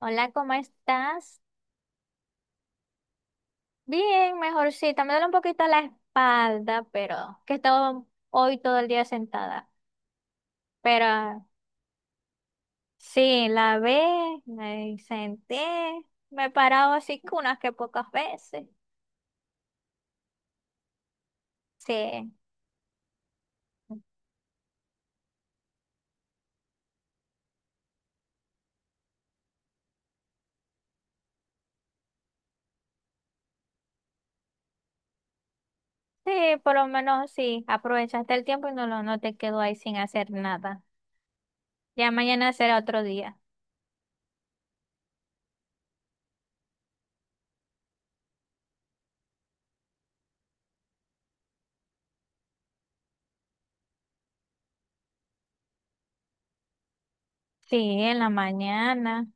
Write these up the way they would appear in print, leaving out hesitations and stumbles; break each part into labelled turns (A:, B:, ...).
A: Hola, ¿cómo estás? Bien, mejorcita. Me duele un poquito la espalda, pero que he estado hoy todo el día sentada. Pero sí, la ve, me senté, me he parado así que unas que pocas veces. Sí, sí, por lo menos sí, aprovechaste el tiempo y no, no te quedó ahí sin hacer nada. Ya mañana será otro día. Sí, en la mañana.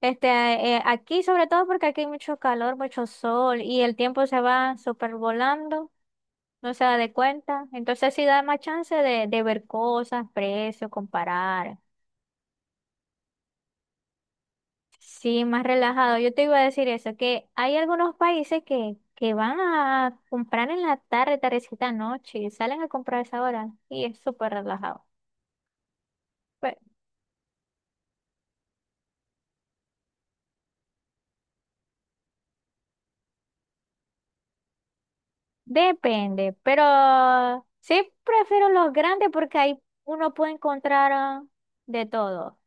A: Este, aquí sobre todo porque aquí hay mucho calor, mucho sol y el tiempo se va súper volando. No se da de cuenta. Entonces sí da más chance de ver cosas, precios, comparar. Sí, más relajado. Yo te iba a decir eso, que, hay algunos países que van a comprar en la tarde, tardecita, noche, y salen a comprar a esa hora y es súper relajado. Pues, depende, pero sí prefiero los grandes porque ahí uno puede encontrar de todo.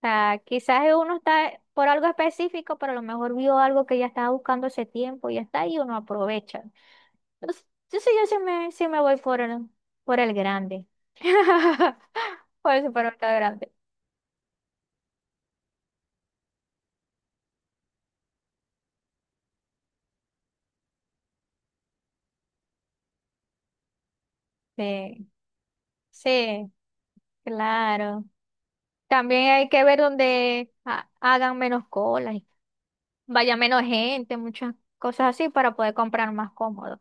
A: Sea, quizás uno está por algo específico, pero a lo mejor vio algo que ya estaba buscando hace tiempo y ya está y uno aprovecha. Entonces, sí me voy por el grande. Por el supermercado grande. Sí, sí, claro. También hay que ver donde hagan menos colas, y vaya menos gente, muchas cosas así para poder comprar más cómodo.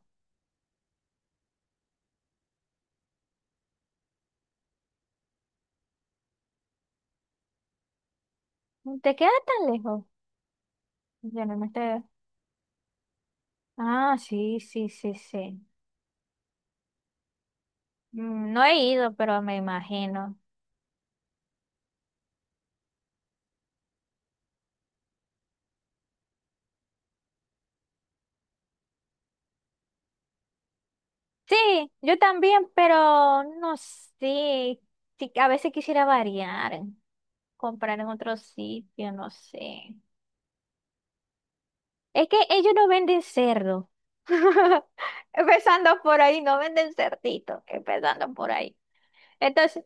A: ¿Te queda tan lejos? Yo no me estoy- Ah, sí, sí, sí, sí. Mm, no he ido, pero me imagino. Sí, yo también, pero no sé. Sí, a veces quisiera variar, comprar en otro sitio, no sé. Es que ellos no venden cerdo. Empezando por ahí, no venden cerdito, empezando por ahí. Entonces,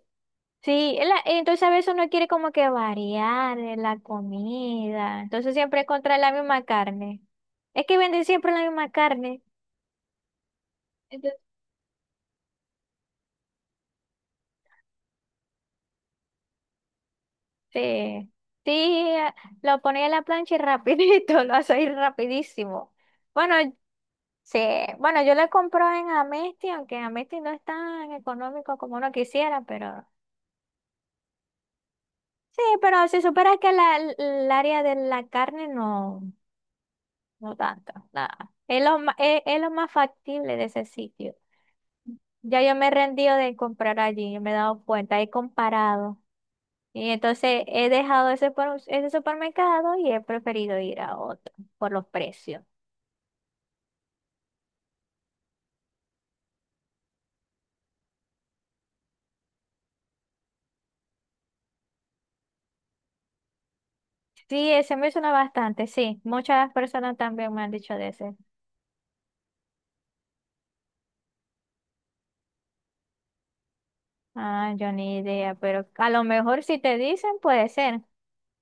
A: sí, entonces a veces uno quiere como que variar en la comida. Entonces siempre encontrar la misma carne. Es que venden siempre la misma carne. Sí, sí, lo ponía en la plancha y rapidito, lo hace ir rapidísimo. Bueno, sí, bueno, yo le compro en Amesti, aunque Amesti no es tan económico como uno quisiera, pero sí, pero si supieras que el área de la carne no, no tanto, nada. Es lo, es lo más factible de ese sitio. Ya yo me he rendido de comprar allí, me he dado cuenta, he comparado. Y entonces he dejado ese supermercado y he preferido ir a otro por los precios. Sí, ese me suena bastante, sí. Muchas personas también me han dicho de ese. Ah, yo ni idea, pero a lo mejor si te dicen puede ser.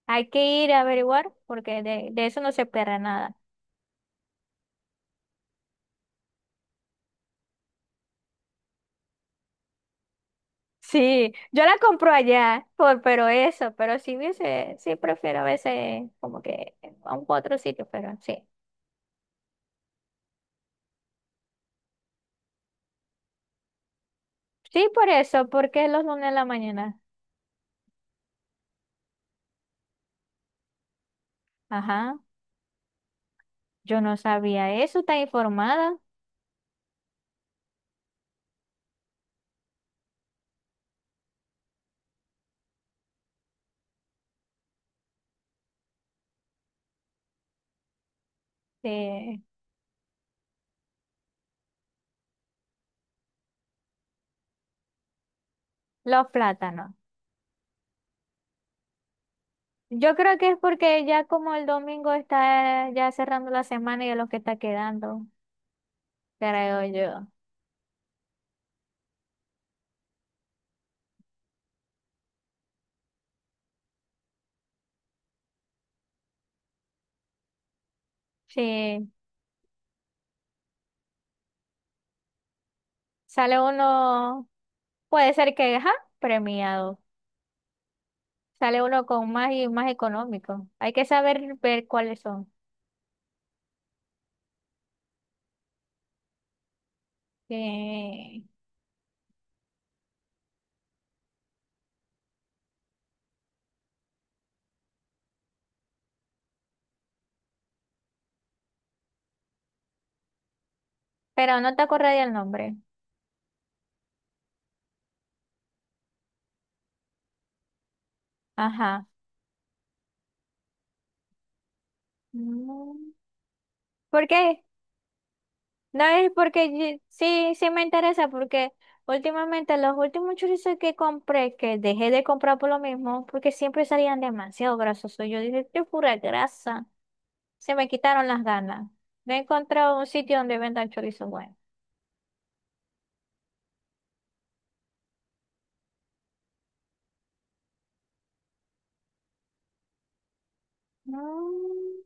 A: Hay que ir a averiguar porque de eso no se pierde nada. Sí, yo la compro allá, por, pero eso, pero si hubiese, sí prefiero a veces como que a un otro sitio, pero sí. Sí, por eso, porque es los lunes en la mañana. Ajá. Yo no sabía eso, está informada de los plátanos. Yo creo que es porque ya como el domingo está ya cerrando la semana y es lo que está quedando, creo yo. Sí, sale uno, puede ser que, ajá, premiado. Sale uno con más y más económico. Hay que saber ver cuáles son. Sí. Pero no te acordaría el nombre. Ajá. Mm, ¿por qué? No es porque sí, sí me interesa, porque últimamente los últimos chorizos que compré, que dejé de comprar por lo mismo, porque siempre salían demasiado grasosos. Yo dije, qué pura grasa. Se me quitaron las ganas. No he encontrado un sitio donde vendan chorizos buenos. Mm,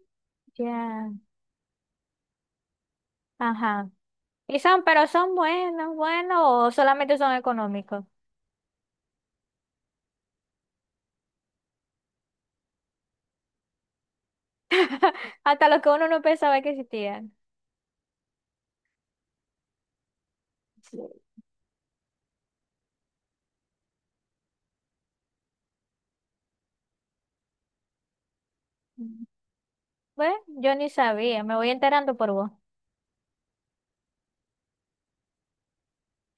A: ya, ajá. Y son, pero son buenos, buenos, o solamente son económicos. Hasta los que uno no pensaba que existían. Sí. Bueno, yo ni sabía, me voy enterando por vos.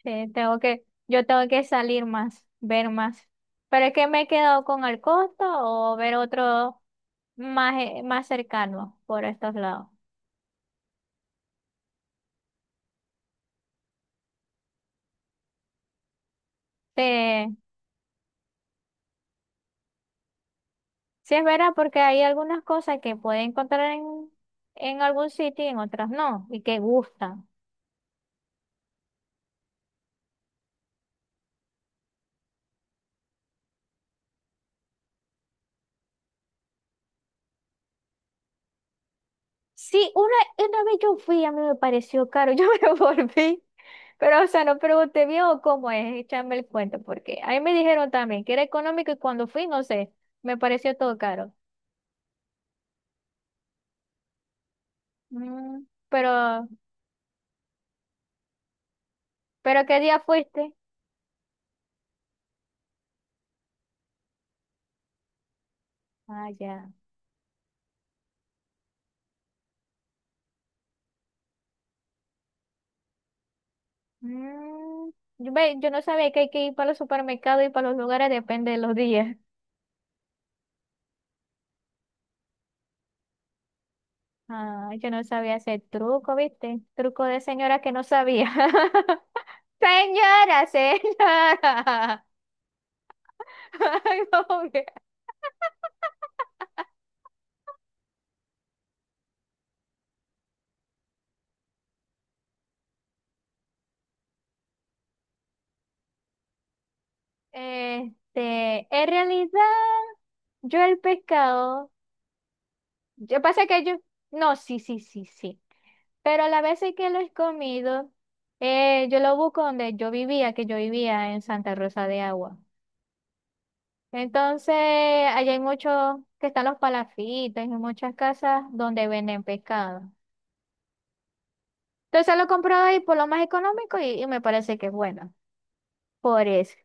A: Sí, tengo que, yo tengo que salir más, ver más. Pero es que me he quedado con el costo o ver otro más, más cercano por estos lados. Sí, sí es verdad porque hay algunas cosas que puede encontrar en algún sitio y en otras no, y que gustan. Sí, una vez yo fui, a mí me pareció caro, yo me volví. Pero, o sea, no pregunté bien o cómo es, échame el cuento, porque ahí me dijeron también que era económico y cuando fui, no sé, me pareció todo caro. Mm, pero ¿qué día fuiste? Ah, ya. Mm, yo no sabía que hay que ir para los supermercados y para los lugares, depende de los días. Ah, yo no sabía ese truco, ¿viste? Truco de señora que no sabía. Señora, señora. Ay, como que... Este, en realidad, yo el pescado. Yo pasa que yo, no, sí, sí, sí, sí. Pero la vez sí que lo he comido, yo lo busco donde yo vivía, que yo vivía en Santa Rosa de Agua. Entonces, allá hay muchos, que están los palafitos, y muchas casas donde venden pescado. Entonces lo compro ahí por lo más económico y me parece que es bueno. Por eso.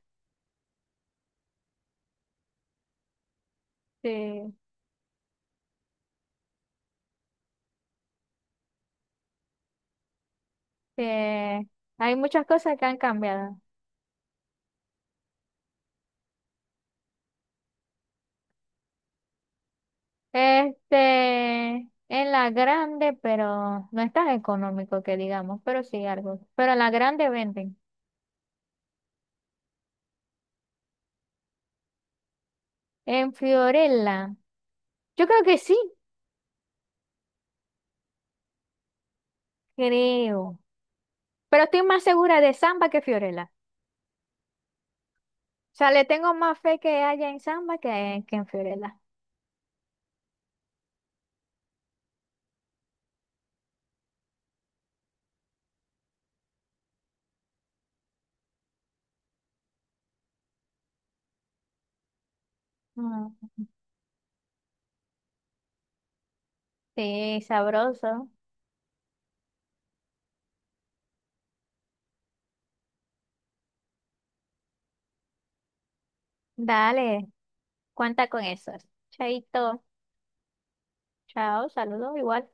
A: Sí, sí. Hay muchas cosas que han cambiado. Este, en la grande, pero no es tan económico que digamos, pero sí algo. Pero en la grande venden. En Fiorella, yo creo que sí, creo. Pero estoy más segura de Samba que Fiorella. O sea, le tengo más fe que haya en Samba que en Fiorella. Mm, sí, sabroso. Dale, cuenta con eso. Chaito, chao, saludos, igual.